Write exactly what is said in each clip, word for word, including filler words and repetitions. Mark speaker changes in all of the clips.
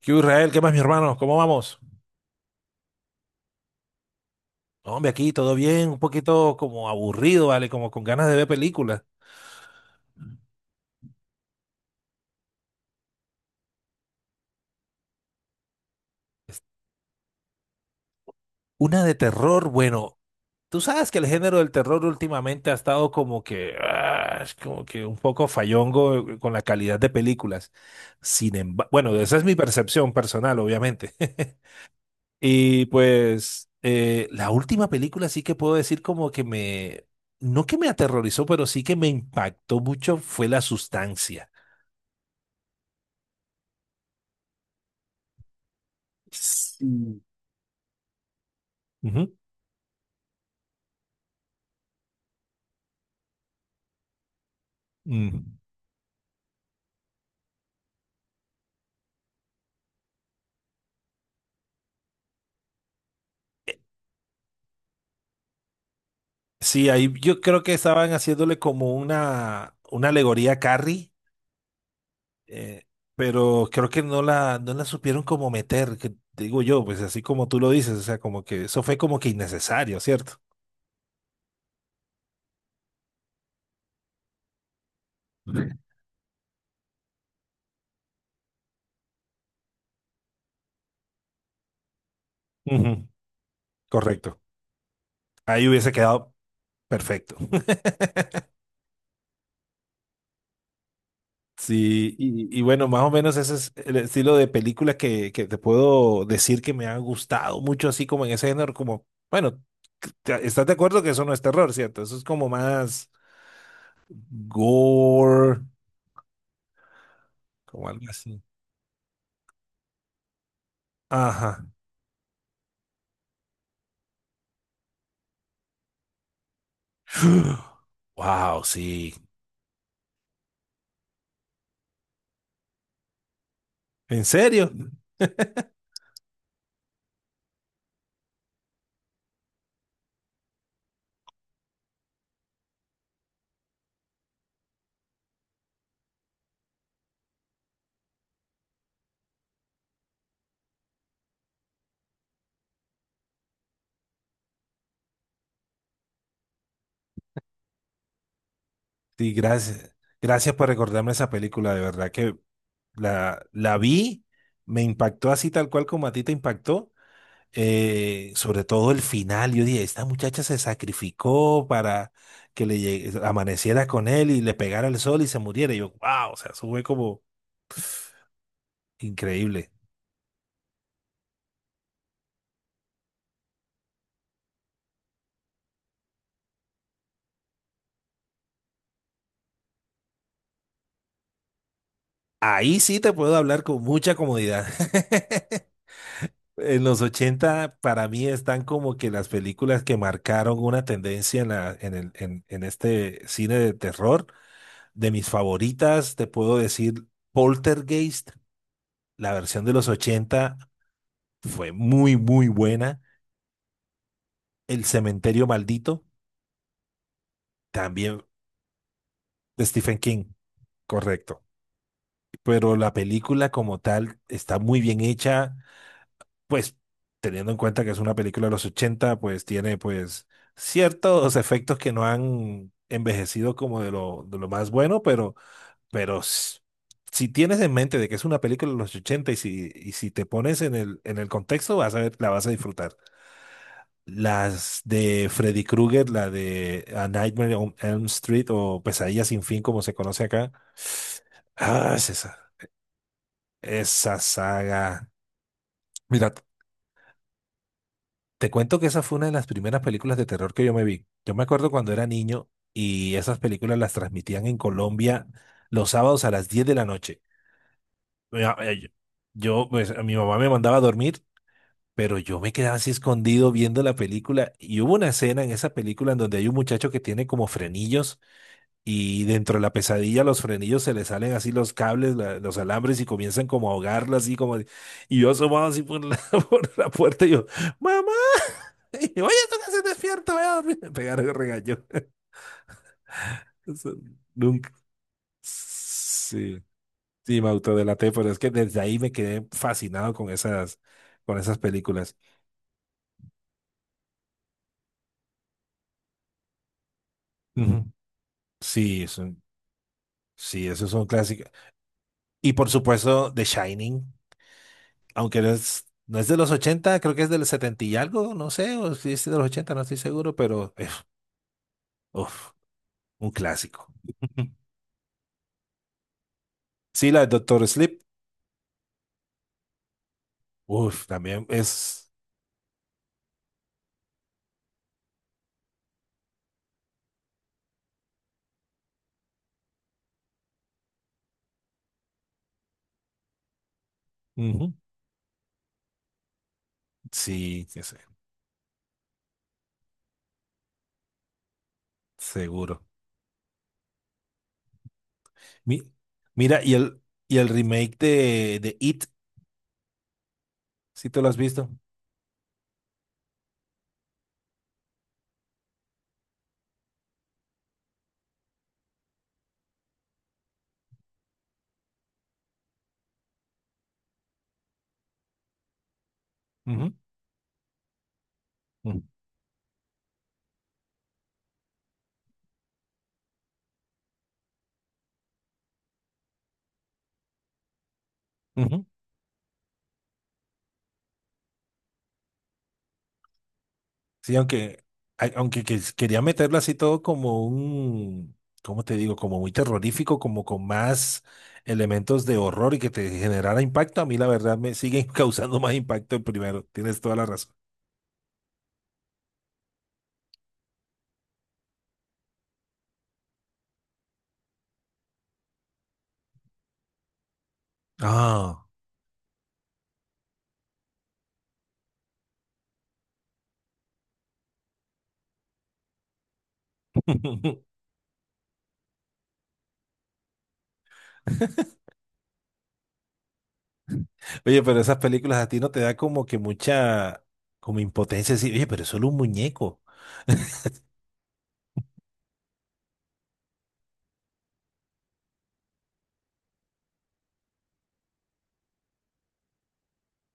Speaker 1: ¿Qué hubo, Israel? ¿Qué más, mi hermano? ¿Cómo vamos? No, hombre, aquí todo bien, un poquito como aburrido, ¿vale? Como con ganas de ver películas. Una de terror, bueno, tú sabes que el género del terror últimamente ha estado como que, ah, es como que un poco fallongo eh, eh, con la calidad de películas. Sin embargo, bueno, esa es mi percepción personal, obviamente. Y pues eh, la última película sí que puedo decir como que me, no que me aterrorizó, pero sí que me impactó mucho fue La Sustancia. Sí. Ujú. Mm. Eh, Sí, ahí yo creo que estaban haciéndole como una, una alegoría a Carrie, eh, pero creo que no la, no la supieron como meter, que digo yo, pues así como tú lo dices, o sea, como que eso fue como que innecesario, ¿cierto? Ujú. Correcto. Ahí hubiese quedado perfecto. Sí, y, y bueno, más o menos ese es el estilo de película que, que te puedo decir que me ha gustado mucho, así como en ese género, como, bueno, te- estás de acuerdo que eso no es terror, ¿cierto? Eso es como más gore, como algo así. Ajá. Wow, sí. ¿En serio? Sí, gracias. Gracias por recordarme esa película, de verdad que la, la vi, me impactó así tal cual como a ti te impactó. Eh, sobre todo el final, yo dije, esta muchacha se sacrificó para que le llegue- amaneciera con él y le pegara el sol y se muriera. Y yo, wow, o sea, eso fue como increíble. Ahí sí te puedo hablar con mucha comodidad. En los ochenta para mí están como que las películas que marcaron una tendencia en, la, en, el, en, en este cine de terror. De mis favoritas, te puedo decir Poltergeist, la versión de los ochenta fue muy, muy buena. El cementerio maldito, también de Stephen King, correcto. Pero la película como tal está muy bien hecha, pues teniendo en cuenta que es una película de los ochenta, pues tiene pues ciertos efectos que no han envejecido como de lo, de lo más bueno, pero, pero s- si tienes en mente de que es una película de los ochenta y si, y si te pones en el, en el contexto, vas a ver, la vas a disfrutar. Las de Freddy Krueger, la de A Nightmare on Elm Street o Pesadilla sin fin, como se conoce acá. Ah, es esa, esa saga. Mira, te cuento que esa fue una de las primeras películas de terror que yo me vi. Yo me acuerdo cuando era niño y esas películas las transmitían en Colombia los sábados a las diez de la noche. Mira, eh, Yo, yo, pues, mi mamá me mandaba a dormir, pero yo me quedaba así escondido viendo la película y hubo una escena en esa película en donde hay un muchacho que tiene como frenillos. Y dentro de la pesadilla los frenillos se les salen así los cables, la- los alambres y comienzan como a ahogarla así como... de- Y yo asomado así por la, por la puerta y yo, ¡Mamá! Y yo, oye, tú que se despierta, voy a dormir. Me pegaron el regaño. Eso nunca. Sí, sí, me autodelaté, pero es que desde ahí me quedé fascinado con esas, con esas películas. Ujú. Sí, son, sí, esos son clásicos. Y por supuesto, The Shining. Aunque no es, no es de los ochenta, creo que es del setenta y algo, no sé, o si es de los ochenta no estoy seguro, pero eh, uf, un clásico. Sí, la de Doctor Sleep, uf, también es, ujú, sí, sí, sí, seguro. Mi- Mira, y el, y el remake de, de It, si te lo has visto. Ujú, ujú, ujú. Sí, aunque, ay, aunque que- quería meterlo así todo como un, ¿cómo te digo? Como muy terrorífico, como con más elementos de horror y que te generara impacto, a mí la verdad me siguen causando más impacto el primero. Tienes toda la razón. Ah. Oye, pero esas películas a ti no te da como que mucha, como impotencia, así, oye, pero es solo un muñeco.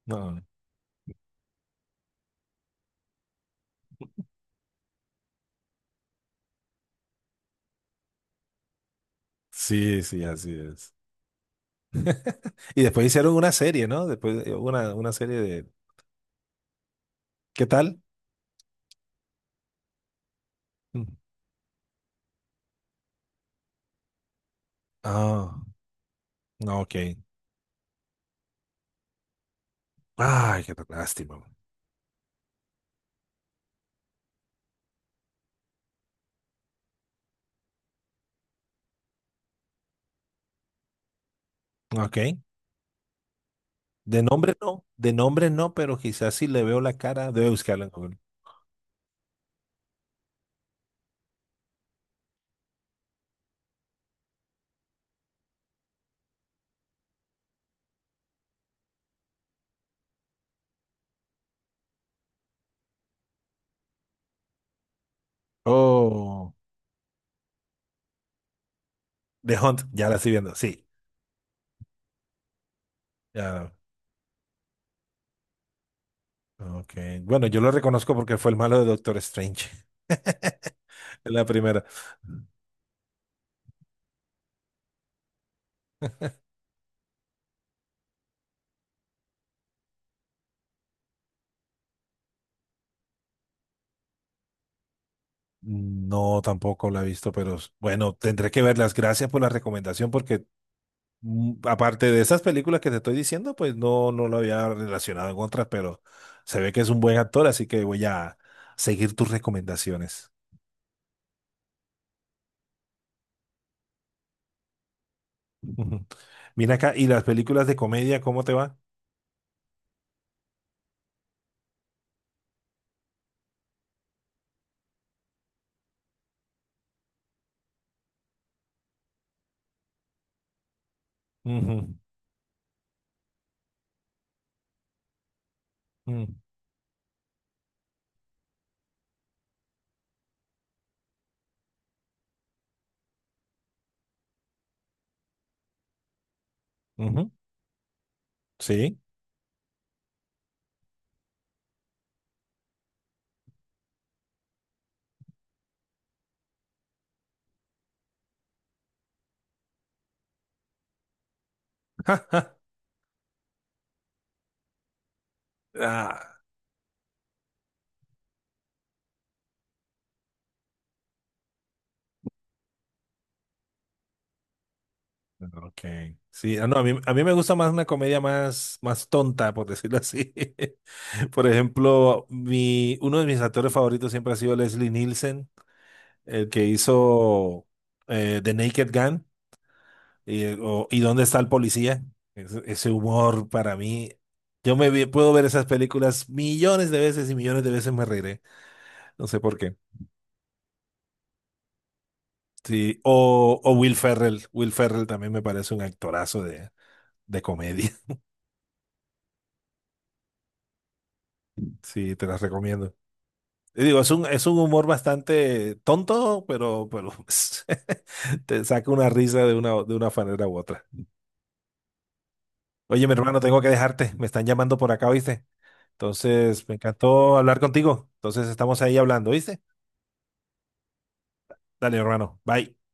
Speaker 1: No. Sí, sí, así es. Y después hicieron una serie, ¿no? Después eh, una, una serie de. ¿Qué tal? Mm. Ah, no, ok. Ay, qué lástima. Ok. De nombre no, de nombre no, pero quizás si le veo la cara, debe buscarla en Google. Oh, The Hunt, ya la estoy viendo, sí. Ya, ok. Bueno, yo lo reconozco porque fue el malo de Doctor Strange. Es la primera. No, tampoco la he visto, pero bueno, tendré que verlas. Gracias por la recomendación porque Mm, aparte de esas películas que te estoy diciendo, pues no, no lo había relacionado en otras, pero se ve que es un buen actor, así que voy a seguir tus recomendaciones. Ujú. Mira acá, ¿y las películas de comedia, cómo te va? Ujú, ujú, ujú. Sí. Ja, ja. Ah, ok. Sí, ah, no, a mí, a mí me gusta más una comedia más, más tonta, por decirlo así. Por ejemplo, mi, uno de mis actores favoritos siempre ha sido Leslie Nielsen. El que hizo eh, The Naked Gun y, eh, o- ¿Y dónde está el policía? Ese, ese humor para mí. Yo me vi- puedo ver esas películas millones de veces y millones de veces me reiré. No sé por qué. Sí, o, o Will Ferrell. Will Ferrell también me parece un actorazo de, de comedia. Sí, te las recomiendo. Y digo, es un, es un humor bastante tonto, pero, pero te saca una risa de una, de una manera u otra. Oye, mi hermano, tengo que dejarte. Me están llamando por acá, ¿viste? Entonces, me encantó hablar contigo. Entonces, estamos ahí hablando, ¿viste? Dale, hermano. Bye.